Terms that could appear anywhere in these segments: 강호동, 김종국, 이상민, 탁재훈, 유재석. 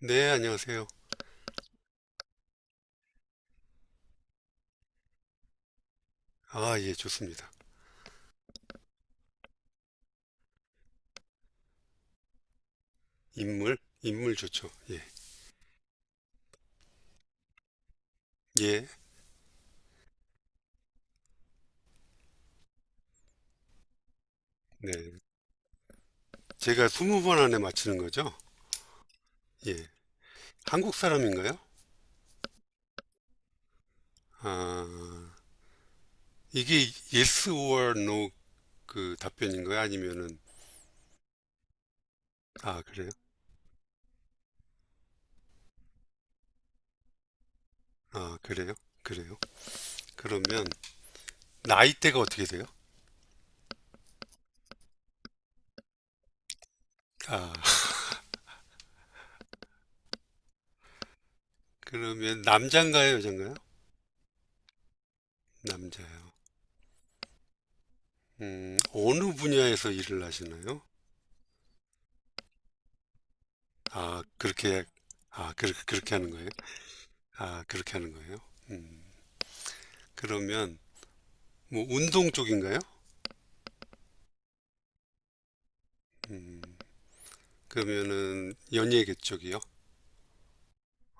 네, 안녕하세요. 아, 예, 좋습니다. 인물, 인물 좋죠. 예, 예, 네. 제가 20번 안에 맞히는 거죠? 예. 한국 사람인가요? 아, 이게 yes or no 그 답변인가요? 아니면은, 아, 그래요? 아, 그래요? 그래요? 그러면, 나이대가 어떻게 돼요? 아, 그러면 남잔가요, 여잔가요? 남자요. 어느 분야에서 일을 하시나요? 아, 그렇게, 아, 그렇게 하는 거예요? 아, 그렇게 하는 거예요? 음. 그러면 뭐 운동 쪽인가요? 음, 그러면은 연예계 쪽이요?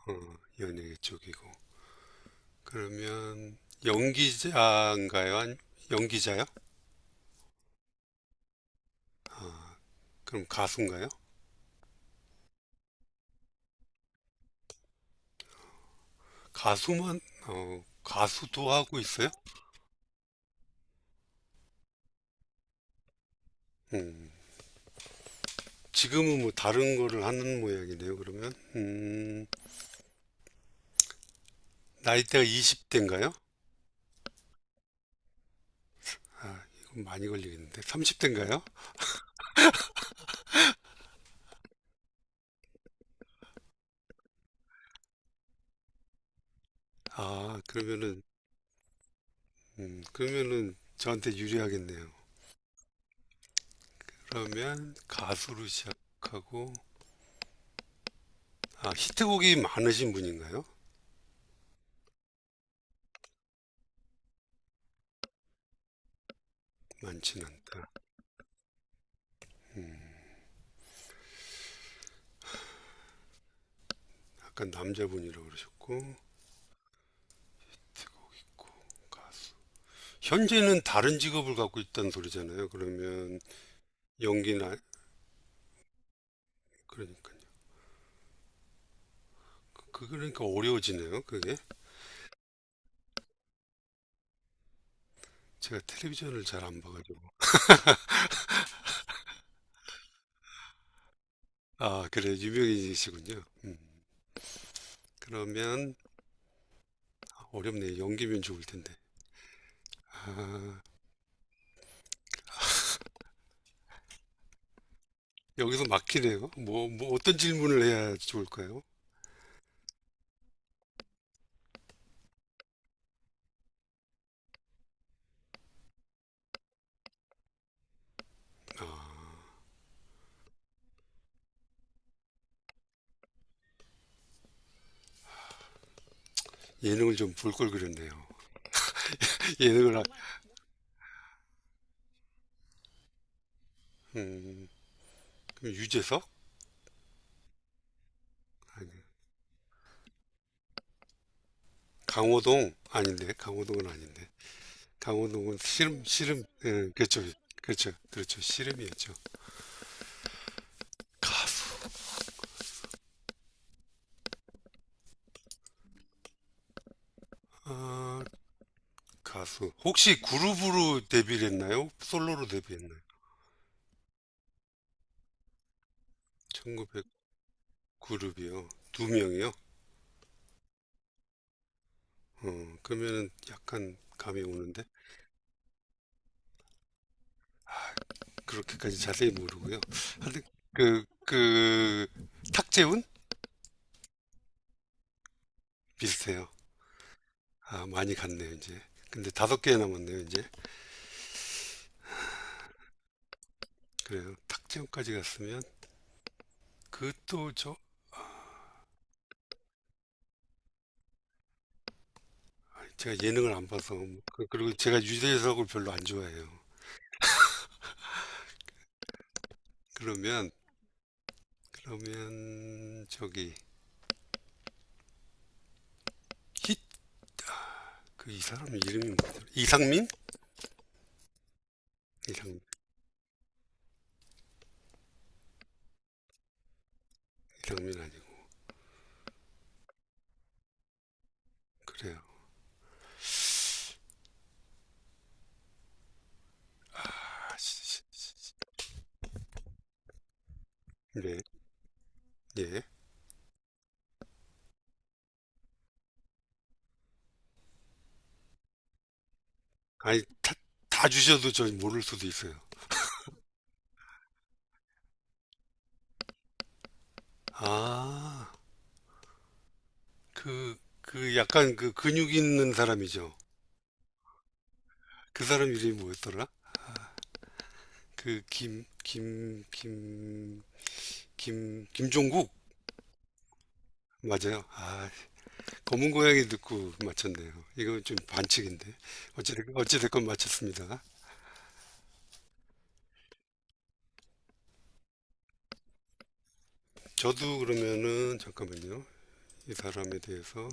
연예계 쪽이고. 그러면 연기자인가요? 아니, 연기자요? 그럼 가수인가요? 가수만 가수도 하고 있어요? 음, 지금은 뭐 다른 거를 하는 모양이네요. 그러면 나이대가 20대인가요? 아, 이건 많이 걸리겠는데 30대인가요? 아, 그러면은 저한테 유리하겠네요. 그러면 가수로 시작하고 히트곡이 많으신 분인가요? 많진 않다. 음, 아까 남자분이라고 그러셨고 가수. 현재는 다른 직업을 갖고 있다는 소리잖아요. 그러면 연기나 그러니까요. 그러니까 어려워지네요. 그게 제가 텔레비전을 잘 안 봐가지고 아 그래 유명인이시군요. 그러면 어렵네요. 연기면 좋을 텐데 아 여기서 막히네요. 뭐 어떤 질문을 해야 좋을까요? 예능을 좀 볼 걸 그랬네요. 예능을 하, 음, 그럼 유재석? 아니, 강호동? 아닌데, 강호동은 아닌데. 강호동은 씨름, 씨름, 예, 그렇죠. 그렇죠. 그렇죠. 씨름이었죠. 가수. 아, 가수. 혹시 그룹으로 데뷔를 했나요? 솔로로 데뷔했나요? 1900 그룹이요. 2명이요? 그러면은 약간 감이 오는데? 그렇게까지 자세히 모르고요. 하여튼, 그, 그, 탁재훈? 비슷해요. 아, 많이 갔네요, 이제. 근데 5개 남았네요, 이제. 그래서 탁재훈까지 갔으면 그것도 저 제가 예능을 안 봐서 뭐 그리고 제가 유재석을 별로 안 좋아해요. 그러면 저기 힛 그 이 사람 이름이 뭐더라? 이상민? 이상 이상민 아니고 그래요. 아, 씨. 네, 예. 아니 다 주셔도 저 모를 수도 있어요. 아, 그 약간 그 근육 있는 사람이죠. 그 사람 이름이 뭐였더라? 그 김종국? 맞아요. 아, 검은 고양이 듣고 맞췄네요. 이건 좀 반칙인데. 어찌됐건 맞췄습니다. 저도 그러면은, 잠깐만요. 이 사람에 대해서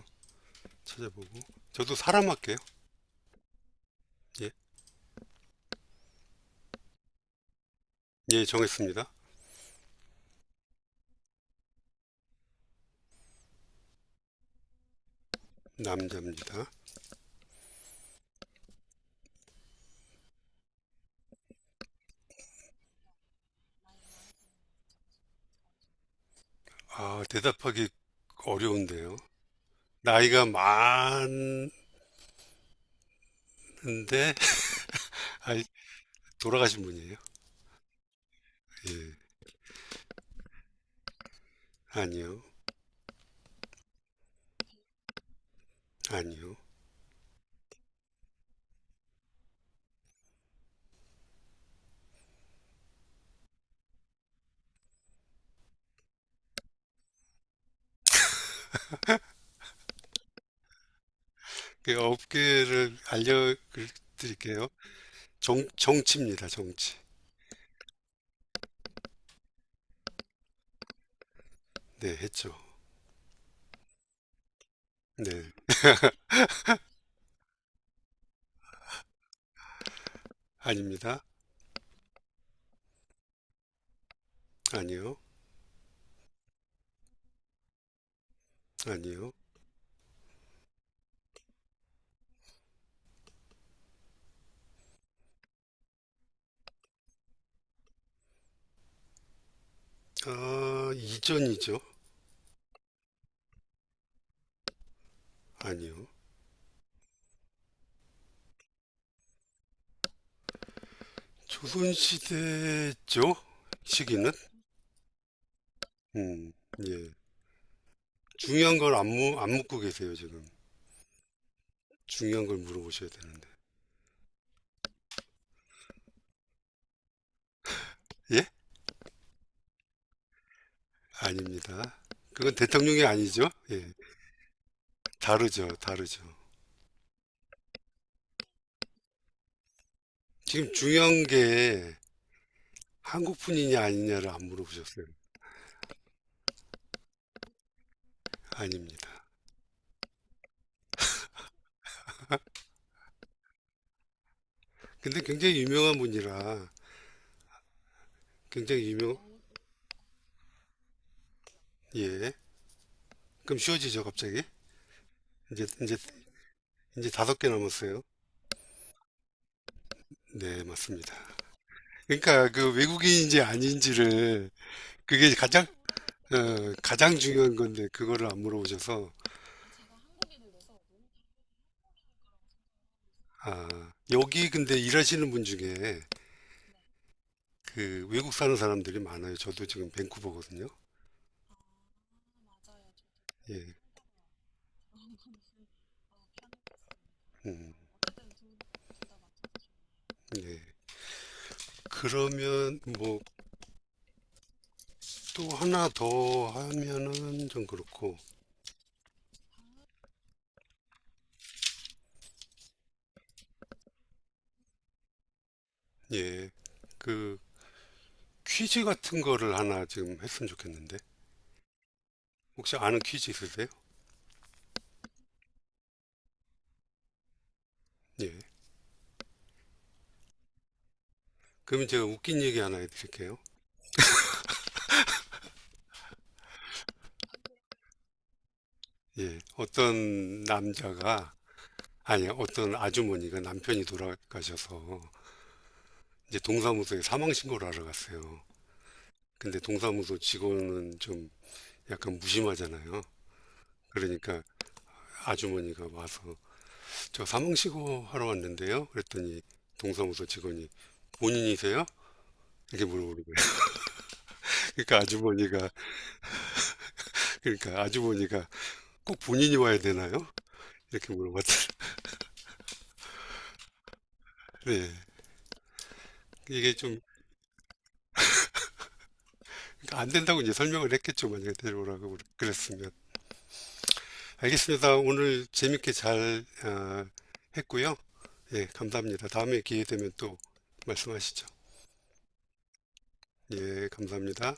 찾아보고. 저도 사람 할게요. 예. 예, 정했습니다. 남자입니다. 아, 대답하기 어려운데요. 나이가 많은데, 아, 돌아가신 분이에요? 예. 아니요. 아니요. 그 업계를 알려드릴게요. 정치입니다, 정치. 네, 했죠. 네. 아닙니다. 아니요. 아니요. 아, 이전이죠. 아니요. 조선시대죠. 시기는. 음, 예. 중요한 걸 안 묻고 계세요, 지금. 중요한 걸 물어보셔야 되는데. 예? 아닙니다. 그건 대통령이 아니죠. 예. 다르죠. 다르죠. 지금 중요한 게 한국분이냐 아니냐를 안 물어보셨어요. 아닙니다. 근데 굉장히 유명한 분이라 굉장히 유명, 예. 그럼 쉬워지죠, 갑자기? 이제 이제 5개 넘었어요. 네, 맞습니다. 그러니까 그 외국인인지 아닌지를 그게 가장 가장 중요한 건데 그거를 안 물어보셔서 아, 여기 근데 일하시는 분 중에 그 외국 사는 사람들이 많아요. 저도 지금 밴쿠버거든요. 예. 음, 네. 그러면 뭐 또 하나 더 하면은 좀 그렇고 예. 그 퀴즈 같은 거를 하나 지금 했으면 좋겠는데 혹시 아는 퀴즈 있으세요? 예. 그러면 제가 웃긴 얘기 하나 해드릴게요. 예, 어떤 남자가 아니 어떤 아주머니가 남편이 돌아가셔서 이제 동사무소에 사망 신고를 하러 갔어요. 근데 동사무소 직원은 좀 약간 무심하잖아요. 그러니까 아주머니가 와서 저 사망 신고 하러 왔는데요. 그랬더니 동사무소 직원이 본인이세요? 이렇게 물어보는 거예요. 그러니까 아주머니가 그러니까 아주머니가 꼭 본인이 와야 되나요? 이렇게 물어봤더니 네. 이게 좀 안 된다고 이제 설명을 했겠죠. 만약에 데려오라고 그랬으면. 알겠습니다. 오늘 재밌게 잘 했고요. 예, 감사합니다. 다음에 기회 되면 또 말씀하시죠. 예, 감사합니다.